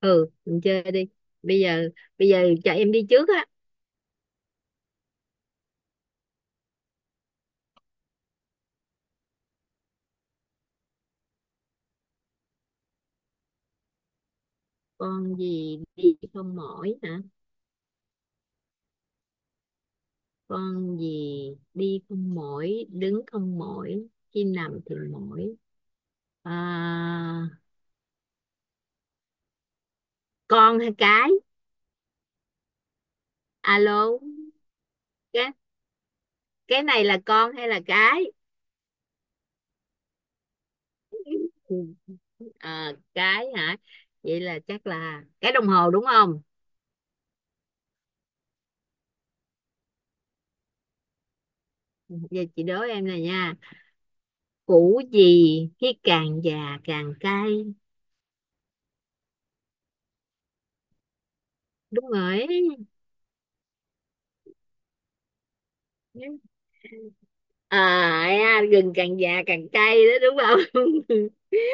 Ừ, mình chơi đi. Bây giờ bây giờ cho em đi trước á. Con gì đi không mỏi hả? Con gì đi không mỏi, đứng không mỏi, khi nằm thì mỏi? À, con hay cái? Alo. Cái. Cái này là con hay là cái? Ừ, à, cái hả? Vậy là chắc là cái đồng hồ đúng không? Giờ chị đố em này nha. Củ gì khi càng già càng cay? Đúng rồi. Gừng càng già càng cay đó đúng không?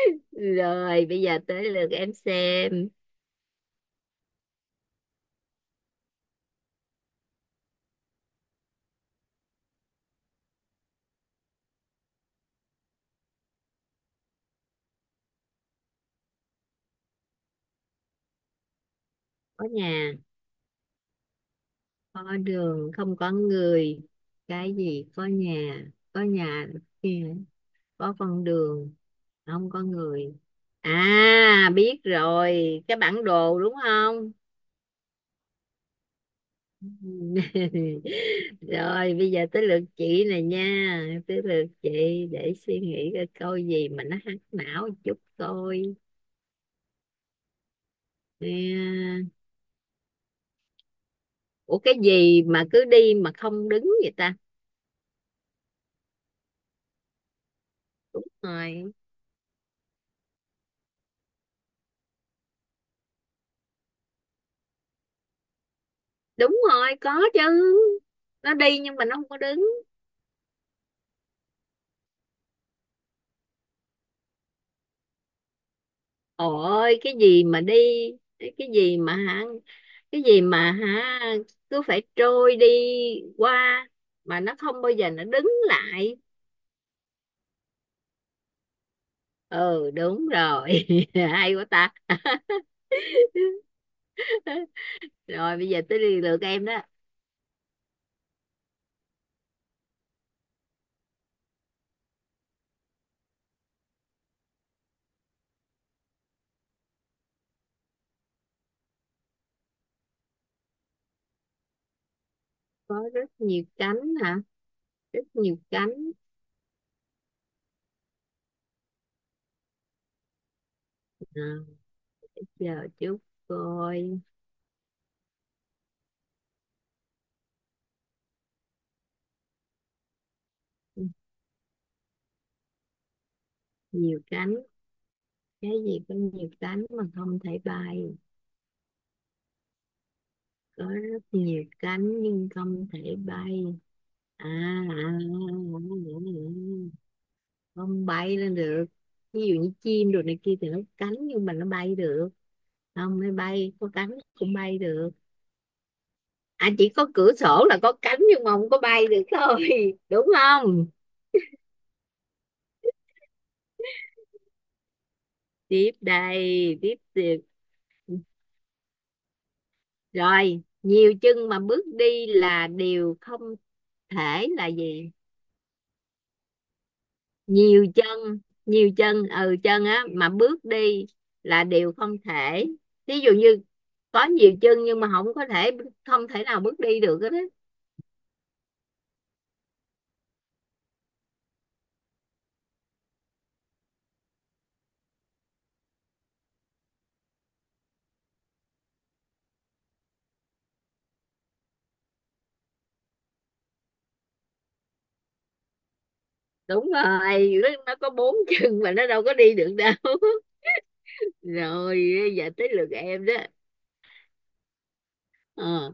Rồi bây giờ tới lượt em xem. Có nhà, có đường, không có người. Cái gì có nhà? Có nhà, kia, có con đường, không có người. À, biết rồi, cái bản đồ đúng không? Rồi bây giờ tới lượt chị này nha, tới lượt chị. Để suy nghĩ coi câu gì mà nó hack não chút coi. Nè, ủa cái gì mà cứ đi mà không đứng vậy ta? Rồi. Đúng rồi, có chứ. Nó đi nhưng mà nó không có đứng. Ôi, cái gì mà đi, cái gì mà hả, cái gì mà hả, cứ phải trôi đi qua mà nó không bao giờ nó đứng lại. Ừ, đúng rồi. Hay quá ta. Rồi bây giờ tới lượt em đó. Có rất nhiều cánh hả? Rất nhiều cánh. À, giờ chút coi. Nhiều cánh. Cái gì có nhiều cánh mà không thể bay? Có rất nhiều cánh nhưng không thể bay. à, à, à, Không bay lên được. Ví dụ như chim đồ này kia thì nó có cánh nhưng mà nó bay được. Không, nó bay có cánh cũng bay được. À, chỉ có cửa sổ là có cánh nhưng mà không có bay được thôi, đúng không? Tiếp đây, tiếp tiếp. Rồi, nhiều chân mà bước đi là điều không thể là gì? Nhiều chân. Nhiều chân, ừ, chân á mà bước đi là điều không thể. Ví dụ như có nhiều chân nhưng mà không có thể, không thể nào bước đi được hết á. Đúng rồi, nó có bốn chân mà nó đâu có đi được đâu rồi giờ tới lượt em đó. Ờ.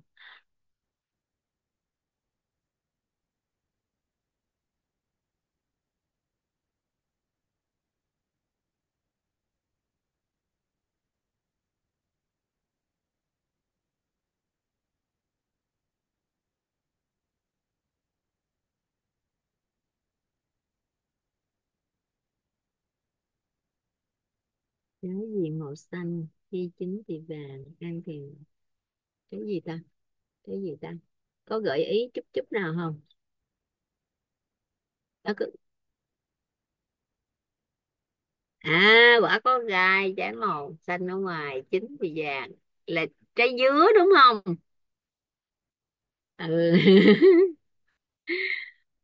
Cái gì màu xanh, khi chín thì vàng, ăn thì? Cái gì ta? Cái gì ta? Có gợi ý chút chút nào không? Đó. À, quả có gai, trái màu xanh ở ngoài chín thì vàng, là trái dứa đúng không? Ừ.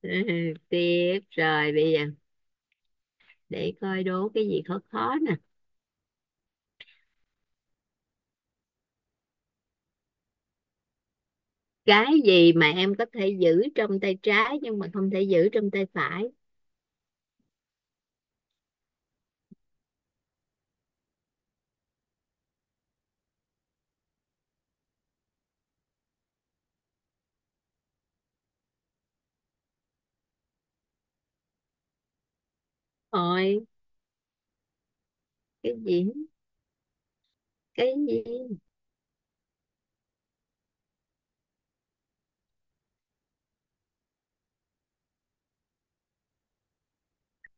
Tiếp rồi bây giờ, để coi đố cái gì khó khó nè. Cái gì mà em có thể giữ trong tay trái nhưng mà không thể giữ trong tay phải? Ôi, cái gì? Cái gì?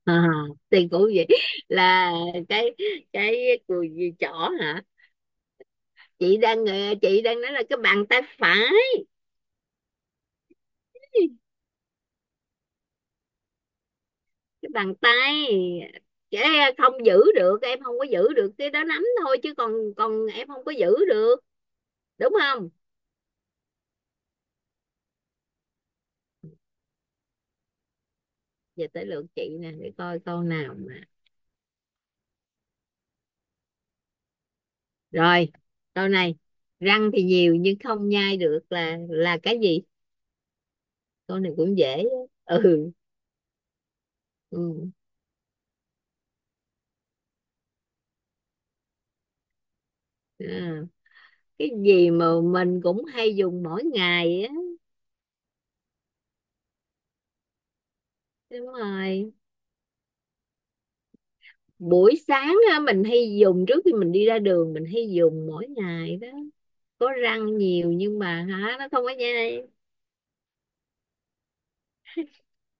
À, thì cũng vậy, là cái cái cùi gì chỏ hả? chị đang ờ, chị đang nói là cái bàn tay phải. Cái bàn tay. Cái. Không giữ được, em không có giữ được, cái đó nắm thôi chứ còn còn em không có giữ được, đúng không? Giờ tới lượt chị nè, để coi câu nào mà. Rồi, câu này. Răng thì nhiều nhưng không nhai được là cái gì? Câu này cũng dễ. Ừ, ừ. À, cái gì mà mình cũng hay dùng mỗi ngày á? Đúng rồi. Buổi sáng á, mình hay dùng trước khi mình đi ra đường, mình hay dùng mỗi ngày đó. Có răng nhiều nhưng mà hả, nó không có nhai.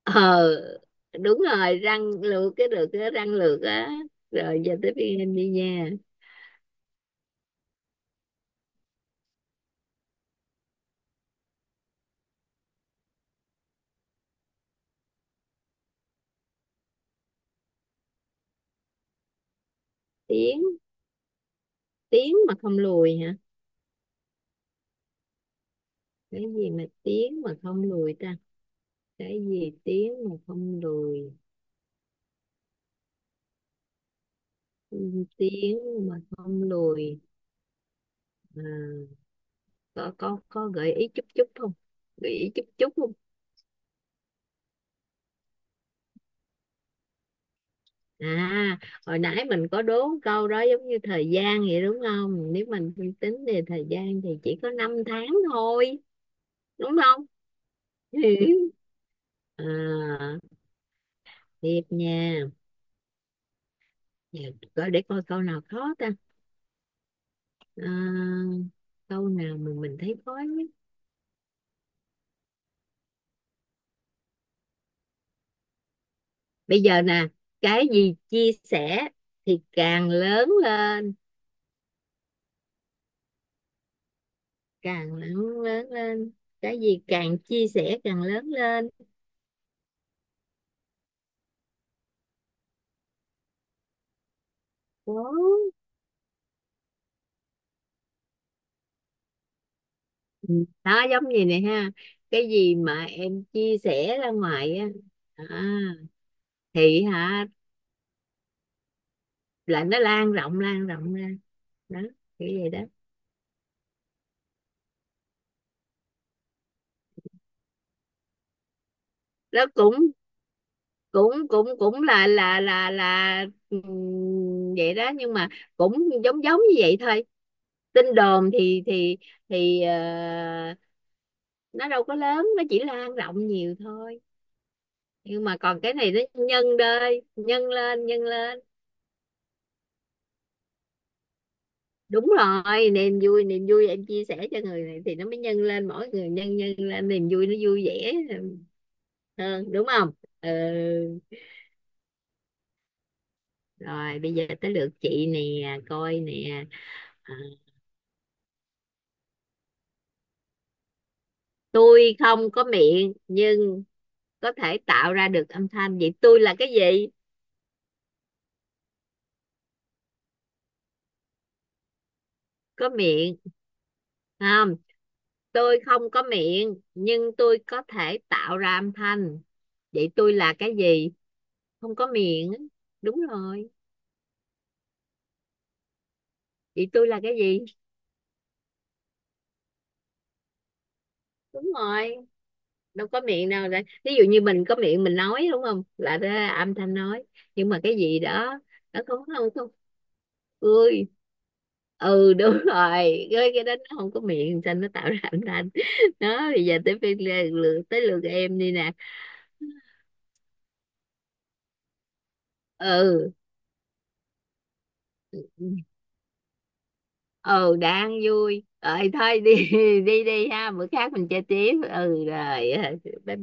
Ờ, đúng rồi, răng lược, cái được cái răng lược á. Rồi giờ tới phiên em đi nha. Tiếng tiếng mà không lùi hả? Cái gì mà tiếng mà không lùi ta? Cái gì tiếng mà không lùi? Ừ, tiếng mà không lùi. À, có gợi ý chút chút không? Gợi ý chút chút. À, hồi nãy mình có đố câu đó giống như thời gian vậy đúng không? Nếu mình suy tính về thời gian thì chỉ có 5 tháng thôi, đúng không? À, tiếp nha. Giờ coi để coi câu nào khó ta. À, câu nào mà mình thấy khó nhất. Bây giờ nè, cái gì chia sẻ thì càng lớn lên, càng lớn lớn lên. Cái gì càng chia sẻ càng lớn lên. Wow. Ừ. Đó giống như này ha, cái gì mà em chia sẻ ra ngoài á, à, thì hả, là nó lan rộng ra đó, kiểu vậy đó. Nó cũng cũng cũng cũng là vậy đó nhưng mà cũng giống giống như vậy thôi. Tin đồn thì ờ, nó đâu có lớn, nó chỉ lan rộng nhiều thôi. Nhưng mà còn cái này nó nhân đơi, nhân lên nhân lên. Đúng rồi, niềm vui, niềm vui em chia sẻ cho người này thì nó mới nhân lên, mỗi người nhân nhân lên niềm vui, nó vui vẻ hơn đúng không? Ừ. Rồi bây giờ tới lượt chị nè, coi nè. À, tôi không có miệng nhưng có thể tạo ra được âm thanh, vậy tôi là cái gì? Có miệng không? Tôi không có miệng nhưng tôi có thể tạo ra âm thanh, vậy tôi là cái gì? Không có miệng á. Đúng rồi. Vậy tôi là cái gì? Đúng rồi. Đâu có miệng nào, để ví dụ như mình có miệng mình nói đúng không, là ra âm thanh nói. Nhưng mà cái gì đó, nó không không không Cười. Ừ, đúng rồi, cái đó nó không có miệng cho nên nó tạo ra âm thanh đó. Bây giờ tới tới lượt em đi nè. Ừ. Ừ, đang vui rồi thôi đi. Đi đi ha, bữa khác mình chơi tiếp, ừ rồi. Bye bye.